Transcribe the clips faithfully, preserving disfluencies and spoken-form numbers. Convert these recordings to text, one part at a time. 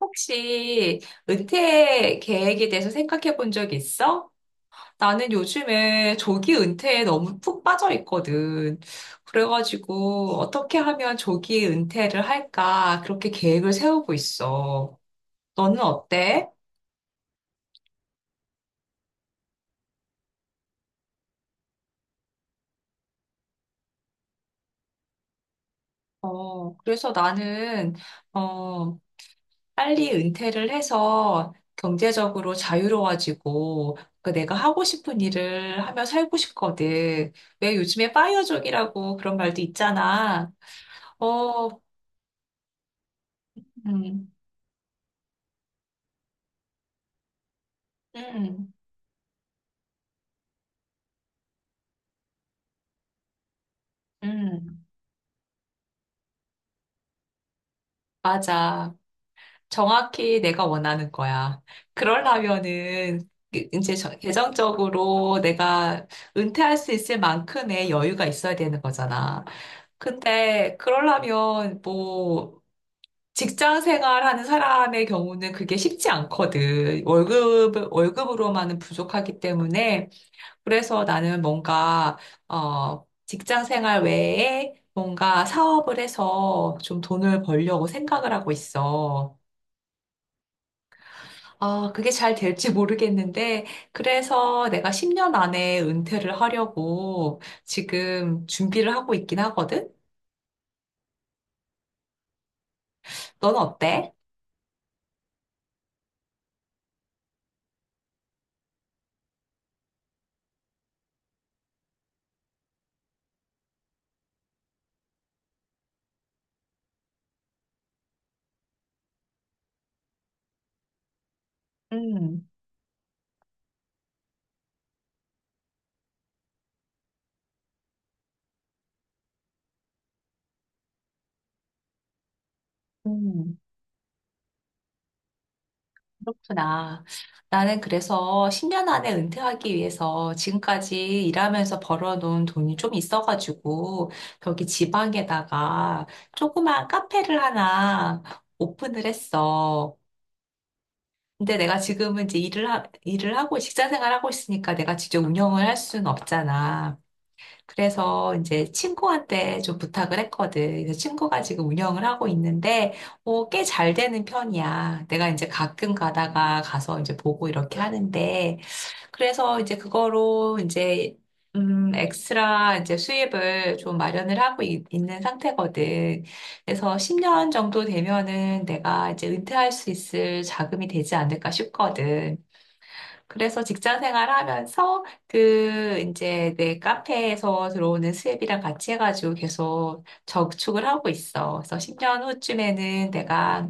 혹시 은퇴 계획에 대해서 생각해 본 적 있어? 나는 요즘에 조기 은퇴에 너무 푹 빠져 있거든. 그래가지고 어떻게 하면 조기 은퇴를 할까? 그렇게 계획을 세우고 있어. 너는 어때? 어, 그래서 나는, 어, 빨리 은퇴를 해서 경제적으로 자유로워지고, 그 내가 하고 싶은 일을 하며 살고 싶거든. 왜 요즘에 파이어족이라고 그런 말도 있잖아. 어, 음, 음, 음, 맞아. 정확히 내가 원하는 거야. 그러려면은, 그- 이제 저- 재정적으로 내가 은퇴할 수 있을 만큼의 여유가 있어야 되는 거잖아. 근데, 그러려면, 뭐, 직장 생활하는 사람의 경우는 그게 쉽지 않거든. 월급, 월급으로만은 부족하기 때문에, 그래서 나는 뭔가, 어, 직장 생활 외에 뭔가 사업을 해서 좀 돈을 벌려고 생각을 하고 있어. 아, 그게 잘 될지 모르겠는데, 그래서 내가 십 년 안에 은퇴를 하려고 지금 준비를 하고 있긴 하거든? 넌 어때? 음, 음. 그렇구나. 나는 그래서 십 년 안에 은퇴하기 위해서 지금까지 일하면서 벌어놓은 돈이 좀 있어가지고, 여기 지방에다가 조그만 카페를 하나 오픈을 했어. 근데 내가 지금은 이제 일을, 하, 일을 하고 직장 생활하고 있으니까 내가 직접 운영을 할 수는 없잖아. 그래서 이제 친구한테 좀 부탁을 했거든. 그래서 친구가 지금 운영을 하고 있는데, 어, 꽤 잘 되는 편이야. 내가 이제 가끔 가다가 가서 이제 보고 이렇게 하는데, 그래서 이제 그거로 이제, 음, 엑스트라 이제 수입을 좀 마련을 하고 있, 있는 상태거든. 그래서 십 년 정도 되면은 내가 이제 은퇴할 수 있을 자금이 되지 않을까 싶거든. 그래서 직장 생활하면서 그 이제 내 카페에서 들어오는 수입이랑 같이 해가지고 계속 저축을 하고 있어. 그래서 십 년 후쯤에는 내가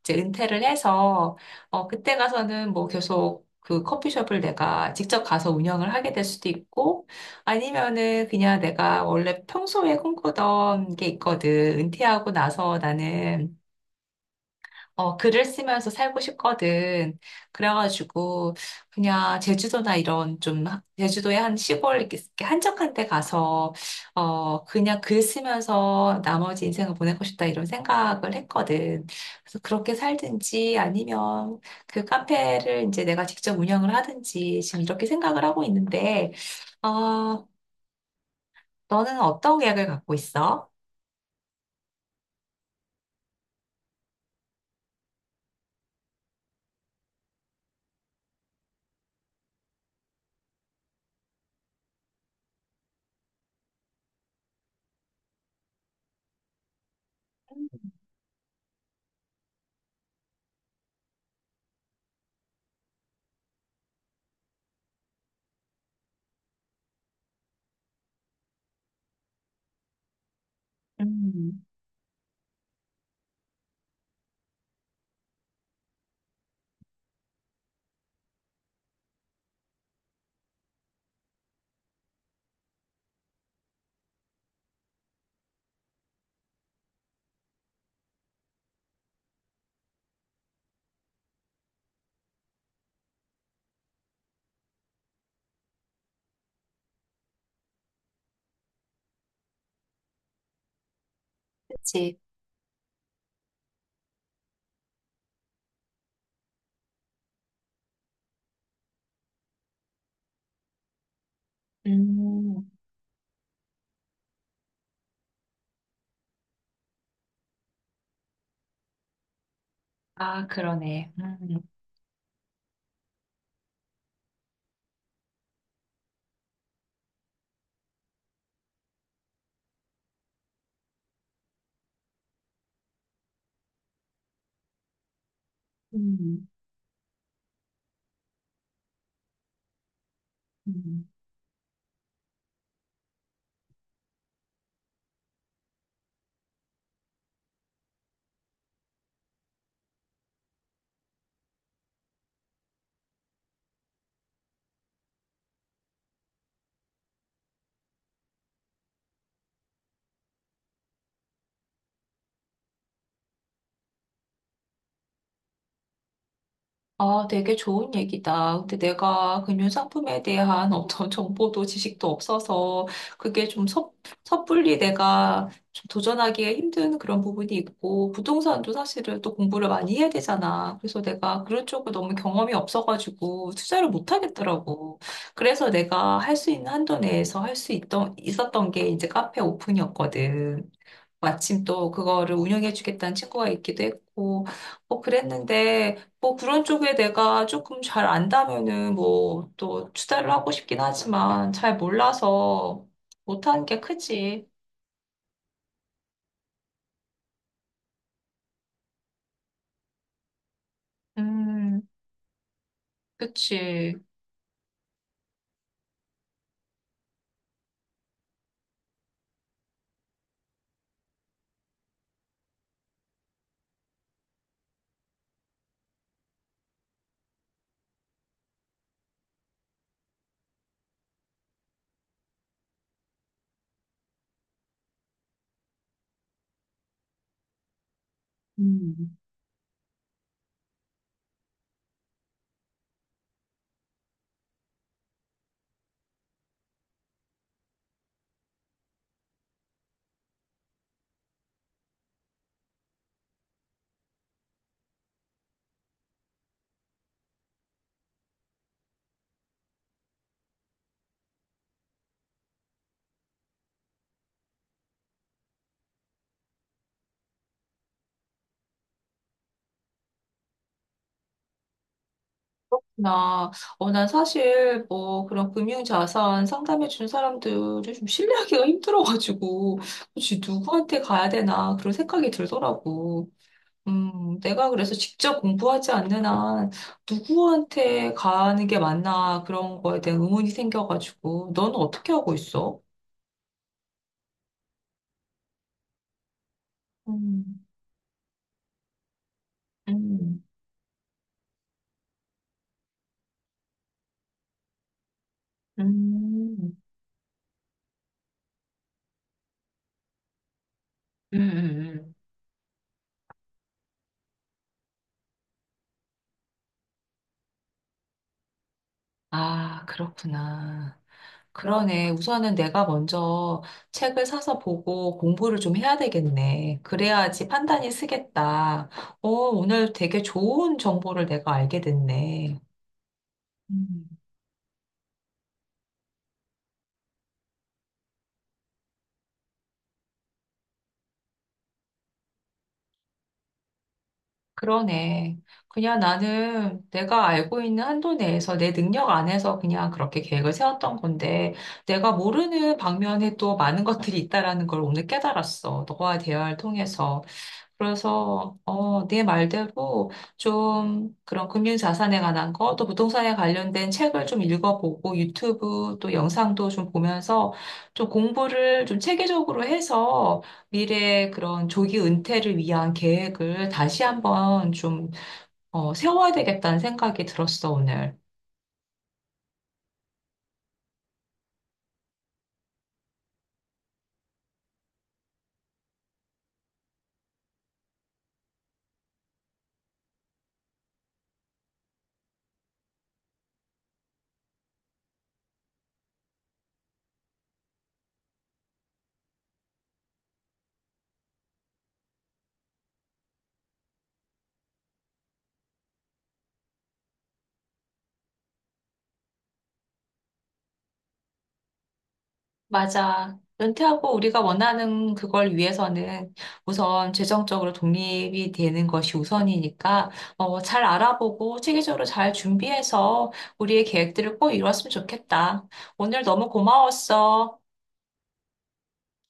이제 은퇴를 해서 어 그때 가서는 뭐 계속 그 커피숍을 내가 직접 가서 운영을 하게 될 수도 있고 아니면은 그냥 내가 원래 평소에 꿈꾸던 게 있거든. 은퇴하고 나서 나는 어, 글을 쓰면서 살고 싶거든. 그래가지고, 그냥 제주도나 이런 좀, 하- 제주도의 한 시골 이렇게 한적한 데 가서, 어, 그냥 글 쓰면서 나머지 인생을 보내고 싶다 이런 생각을 했거든. 그래서 그렇게 살든지 아니면 그 카페를 이제 내가 직접 운영을 하든지 지금 이렇게 생각을 하고 있는데, 어, 너는 어떤 계획을 갖고 있어? 음, 그치. 음, 아, 그러네. 음. 음. 음. 아, 되게 좋은 얘기다. 근데 내가 금융 상품에 대한 어떤 정보도 지식도 없어서 그게 좀 섣, 섣불리 내가 좀 도전하기에 힘든 그런 부분이 있고 부동산도 사실은 또 공부를 많이 해야 되잖아. 그래서 내가 그런 쪽을 너무 경험이 없어가지고 투자를 못 하겠더라고. 그래서 내가 할 수 있는 한도 내에서 할 수 있던 있었던 게 이제 카페 오픈이었거든. 마침 또 그거를 운영해 주겠다는 친구가 있기도 했고, 뭐 그랬는데, 뭐 그런 쪽에 내가 조금 잘 안다면은 뭐 또 투자를 하고 싶긴 하지만 잘 몰라서 못하는 게 크지. 음, 그치. 음. 나, 어, 난 사실 뭐 그런 금융자산 상담해 준 사람들을 좀 신뢰하기가 힘들어가지고, 혹시 누구한테 가야 되나 그런 생각이 들더라고. 음, 내가 그래서 직접 공부하지 않는 한 누구한테 가는 게 맞나 그런 거에 대한 의문이 생겨가지고, 너는 어떻게 하고 있어? 음, 음, 음, 음, 음, 음. 아, 그렇구나. 어, 그러네. 우선은 내가 먼저 책을 사서 보고 공부를 좀 해야 되겠네. 그래야지 판단이 쓰겠다. 어, 오늘 되게 좋은 정보를 내가 알게 됐네. 음. 그러네. 그냥 나는 내가 알고 있는 한도 내에서 내 능력 안에서 그냥 그렇게 계획을 세웠던 건데, 내가 모르는 방면에 또 많은 것들이 있다라는 걸 오늘 깨달았어. 너와 대화를 통해서. 그래서 어, 네 말대로 좀 그런 금융자산에 관한 거, 또 부동산에 관련된 책을 좀 읽어보고 유튜브 또 영상도 좀 보면서 좀 공부를 좀 체계적으로 해서 미래 그런 조기 은퇴를 위한 계획을 다시 한번 좀 어, 세워야 되겠다는 생각이 들었어, 오늘. 맞아. 은퇴하고 우리가 원하는 그걸 위해서는 우선 재정적으로 독립이 되는 것이 우선이니까 어, 잘 알아보고 체계적으로 잘 준비해서 우리의 계획들을 꼭 이뤘으면 좋겠다. 오늘 너무 고마웠어.